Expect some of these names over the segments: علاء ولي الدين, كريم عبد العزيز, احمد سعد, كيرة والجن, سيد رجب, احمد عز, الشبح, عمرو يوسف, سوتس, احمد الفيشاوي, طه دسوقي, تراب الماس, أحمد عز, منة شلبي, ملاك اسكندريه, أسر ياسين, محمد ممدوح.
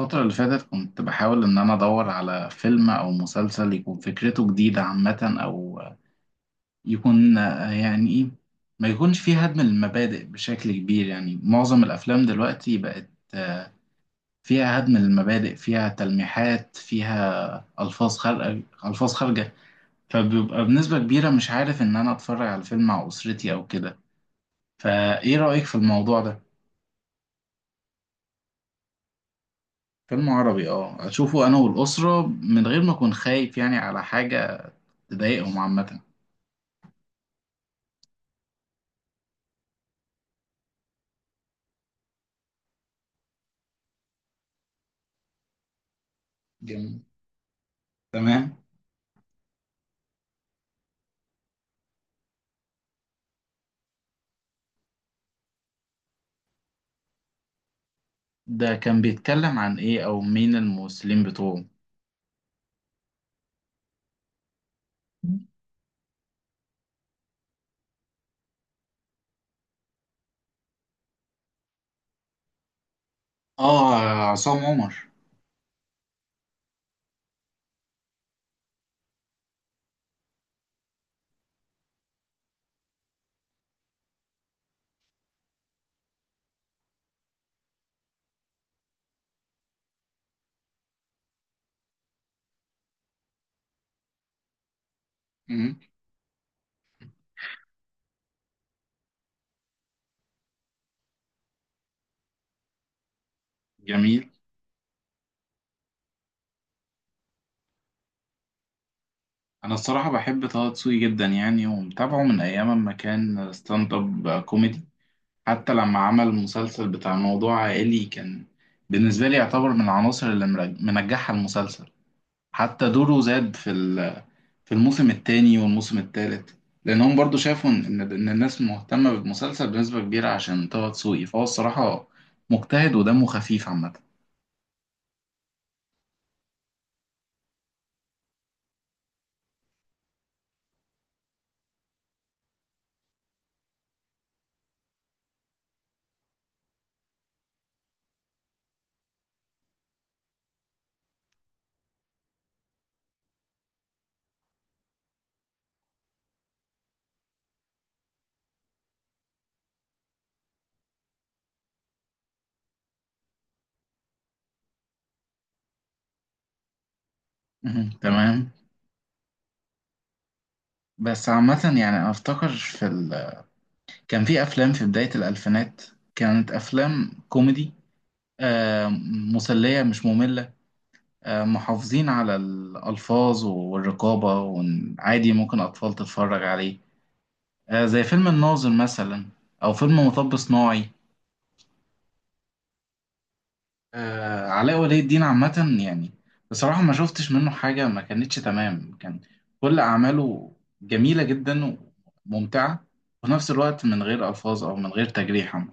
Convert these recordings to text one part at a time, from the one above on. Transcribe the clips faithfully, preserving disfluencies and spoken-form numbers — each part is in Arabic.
الفترة اللي فاتت كنت بحاول إن أنا أدور على فيلم أو مسلسل يكون فكرته جديدة عامة أو يكون آه، يعني إيه، ما يكونش فيه هدم المبادئ بشكل كبير. يعني معظم الأفلام دلوقتي بقت آه، فيها هدم المبادئ، فيها تلميحات، فيها ألفاظ خارجة، ألفاز خارجة. فبيبقى بنسبة كبيرة مش عارف إن أنا أتفرج على فيلم مع أسرتي أو كده. فإيه رأيك في الموضوع ده؟ فيلم عربي، اه، اشوفه انا والاسره من غير ما اكون خايف يعني على حاجه تضايقهم عامة. جميل. تمام. ده كان بيتكلم عن إيه أو مين الممثلين بتوعه؟ اه، عصام عمر. مم. جميل. أنا الصراحة بحب طه دسوقي جدا يعني، ومتابعه من أيام ما كان ستاند أب كوميدي. حتى لما عمل المسلسل بتاع موضوع عائلي، كان بالنسبة لي يعتبر من العناصر اللي مرج- منجحة المسلسل. حتى دوره زاد في في الموسم الثاني والموسم الثالث، لانهم برضو شافوا ان ان الناس مهتمه بالمسلسل بنسبه كبيره عشان طه دسوقي. فهو الصراحه مجتهد ودمه خفيف عامه. مهم. تمام. بس عامه يعني انا افتكر في ال... كان في افلام في بدايه الالفينات، كانت افلام كوميدي، آه، مسليه مش ممله، آه، محافظين على الالفاظ والرقابه، وعادي ممكن اطفال تتفرج عليه. آه، زي فيلم الناظر مثلا، او فيلم مطب صناعي. آه، علاء ولي الدين عامة يعني بصراحة ما شفتش منه حاجة ما كانتش تمام. كان كل أعماله جميلة جدا وممتعة، وفي نفس الوقت من غير ألفاظ أو من غير تجريح عامة.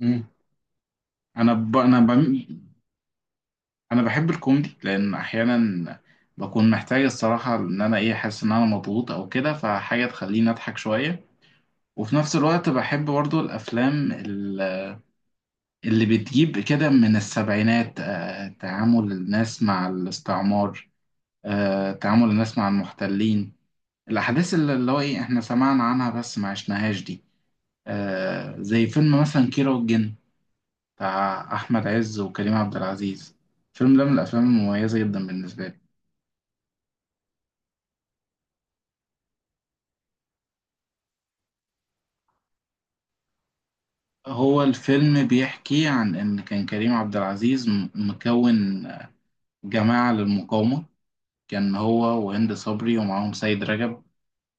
مم. أنا ب... أنا بم... أنا بحب الكوميدي، لأن أحيانا بكون محتاج الصراحة إن أنا إيه، أحس إن أنا مضغوط أو كده، فحاجة تخليني أضحك شوية. وفي نفس الوقت بحب برضو الأفلام ال- اللي بتجيب كده من السبعينات. آه تعامل الناس مع الاستعمار، آه، تعامل الناس مع المحتلين، الأحداث اللي اللي هو إيه إحنا سمعنا عنها بس ما عشناهاش دي. آه، زي فيلم مثلا كيرة والجن، بتاع أحمد عز وكريم عبد العزيز. الفيلم ده من الأفلام المميزة جدا بالنسبة لي. هو الفيلم بيحكي عن إن كان كريم عبد العزيز م- مكون جماعة للمقاومة. كان هو وهند صبري ومعاهم سيد رجب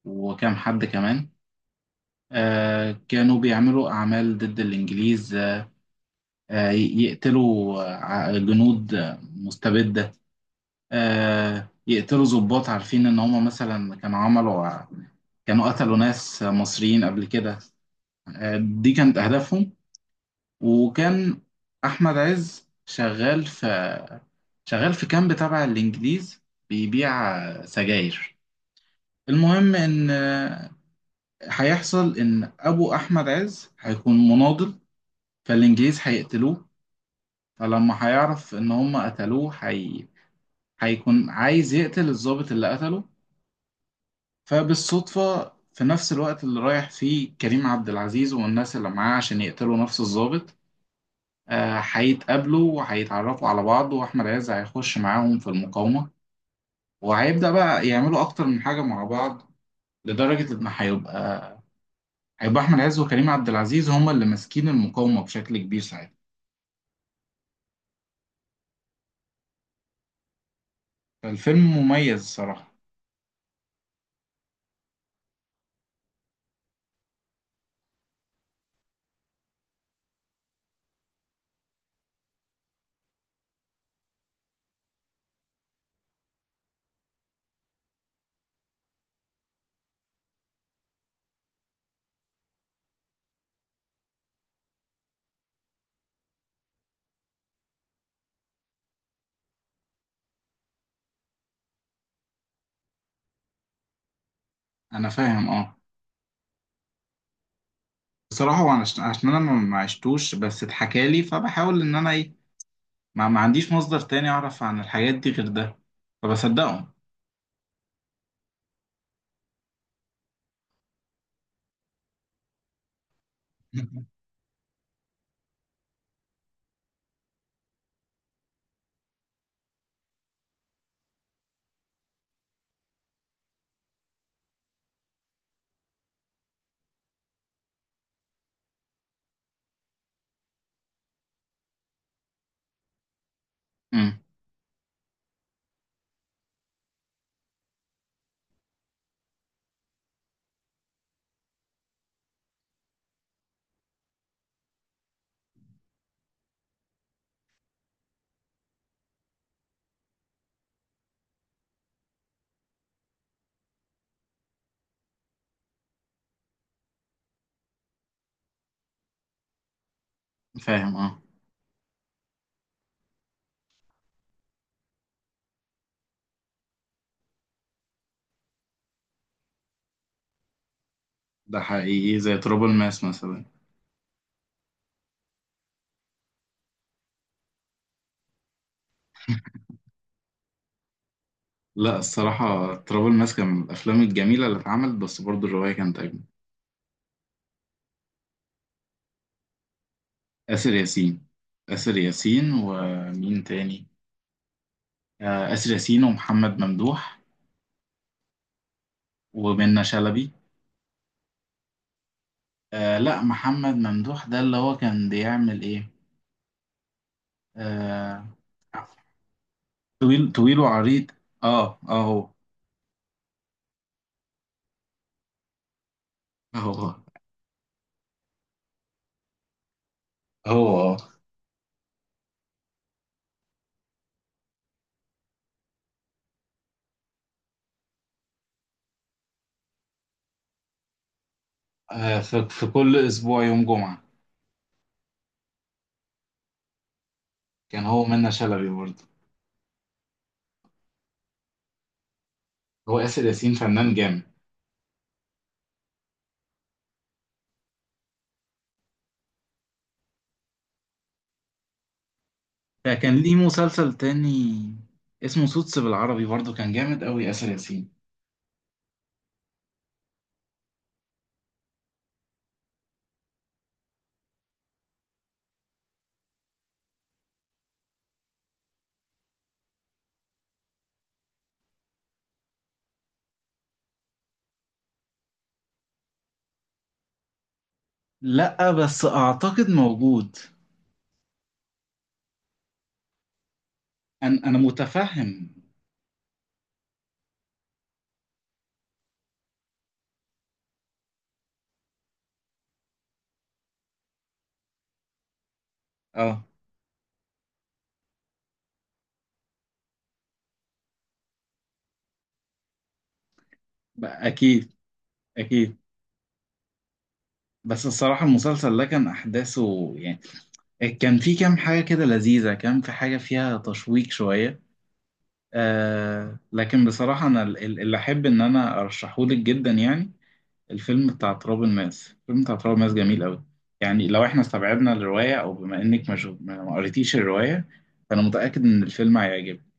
وكام حد كمان. آه، كانوا بيعملوا أعمال ضد الإنجليز، آه، ي- يقتلوا آه، ع- جنود آه، مستبدة، آه، يقتلوا ضباط عارفين إن هما مثلا كانوا عملوا كانوا قتلوا ناس مصريين قبل كده. آه، دي كانت أهدافهم. وكان أحمد عز شغال في شغال في كامب تبع الإنجليز، بيبيع آه، سجاير. المهم إن آه، هيحصل إن أبو أحمد عز هيكون مناضل، فالإنجليز هيقتلوه. فلما هيعرف إن هم قتلوه هي، هيكون عايز يقتل الضابط اللي قتله. فبالصدفة في نفس الوقت اللي رايح فيه كريم عبد العزيز والناس اللي معاه عشان يقتلوا نفس الضابط، آه، هيتقابلوا وهيتعرفوا على بعض، وأحمد عز هيخش معاهم في المقاومة. وهيبدأ بقى يعملوا أكتر من حاجة مع بعض، لدرجة إن هيبقى هيبقى أحمد عز وكريم عبد العزيز هما اللي ماسكين المقاومة بشكل كبير ساعتها. فالفيلم مميز الصراحة. أنا فاهم، أه. بصراحة وعش- عشان أنا ما ما عشتوش بس اتحكالي، فبحاول إن أنا إيه، ما, ما عنديش مصدر تاني أعرف عن الحاجات دي غير ده، فبصدقهم. امم. فاهم، اه. ده حقيقي، زي تراب الماس مثلا. لا الصراحة تراب الماس كان من الأفلام الجميلة اللي اتعملت، بس برضو الرواية كانت أجمل. آسر ياسين. آسر ياسين ومين تاني؟ آه، آسر ياسين ومحمد ممدوح ومنة شلبي. آه لا، محمد ممدوح ده اللي هو كان بيعمل إيه، آه، طويل طويل وعريض. اه اه، هو هو هو. آه، في في كل أسبوع يوم جمعة. كان هو منة شلبي برضه. هو آسر ياسين فنان جامد. فكان ليه مسلسل تاني اسمه سوتس بالعربي، برضه كان جامد أوي آسر ياسين. لأ بس أعتقد موجود. أنا أنا متفهم، أه. ب- أكيد. أكيد. بس الصراحة المسلسل ده كان أحداثه يعني كان في كام حاجة كده لذيذة، كان في حاجة فيها تشويق شوية. آه لكن بصراحة أنا ال- ال- اللي أحب إن أنا أرشحهولك جدا يعني الفيلم بتاع تراب الماس. الفيلم بتاع تراب الماس جميل قوي. يعني لو احنا استبعدنا الرواية، او بما انك مش ما ما قريتيش الرواية، فانا متأكد ان الفيلم هيعجبك.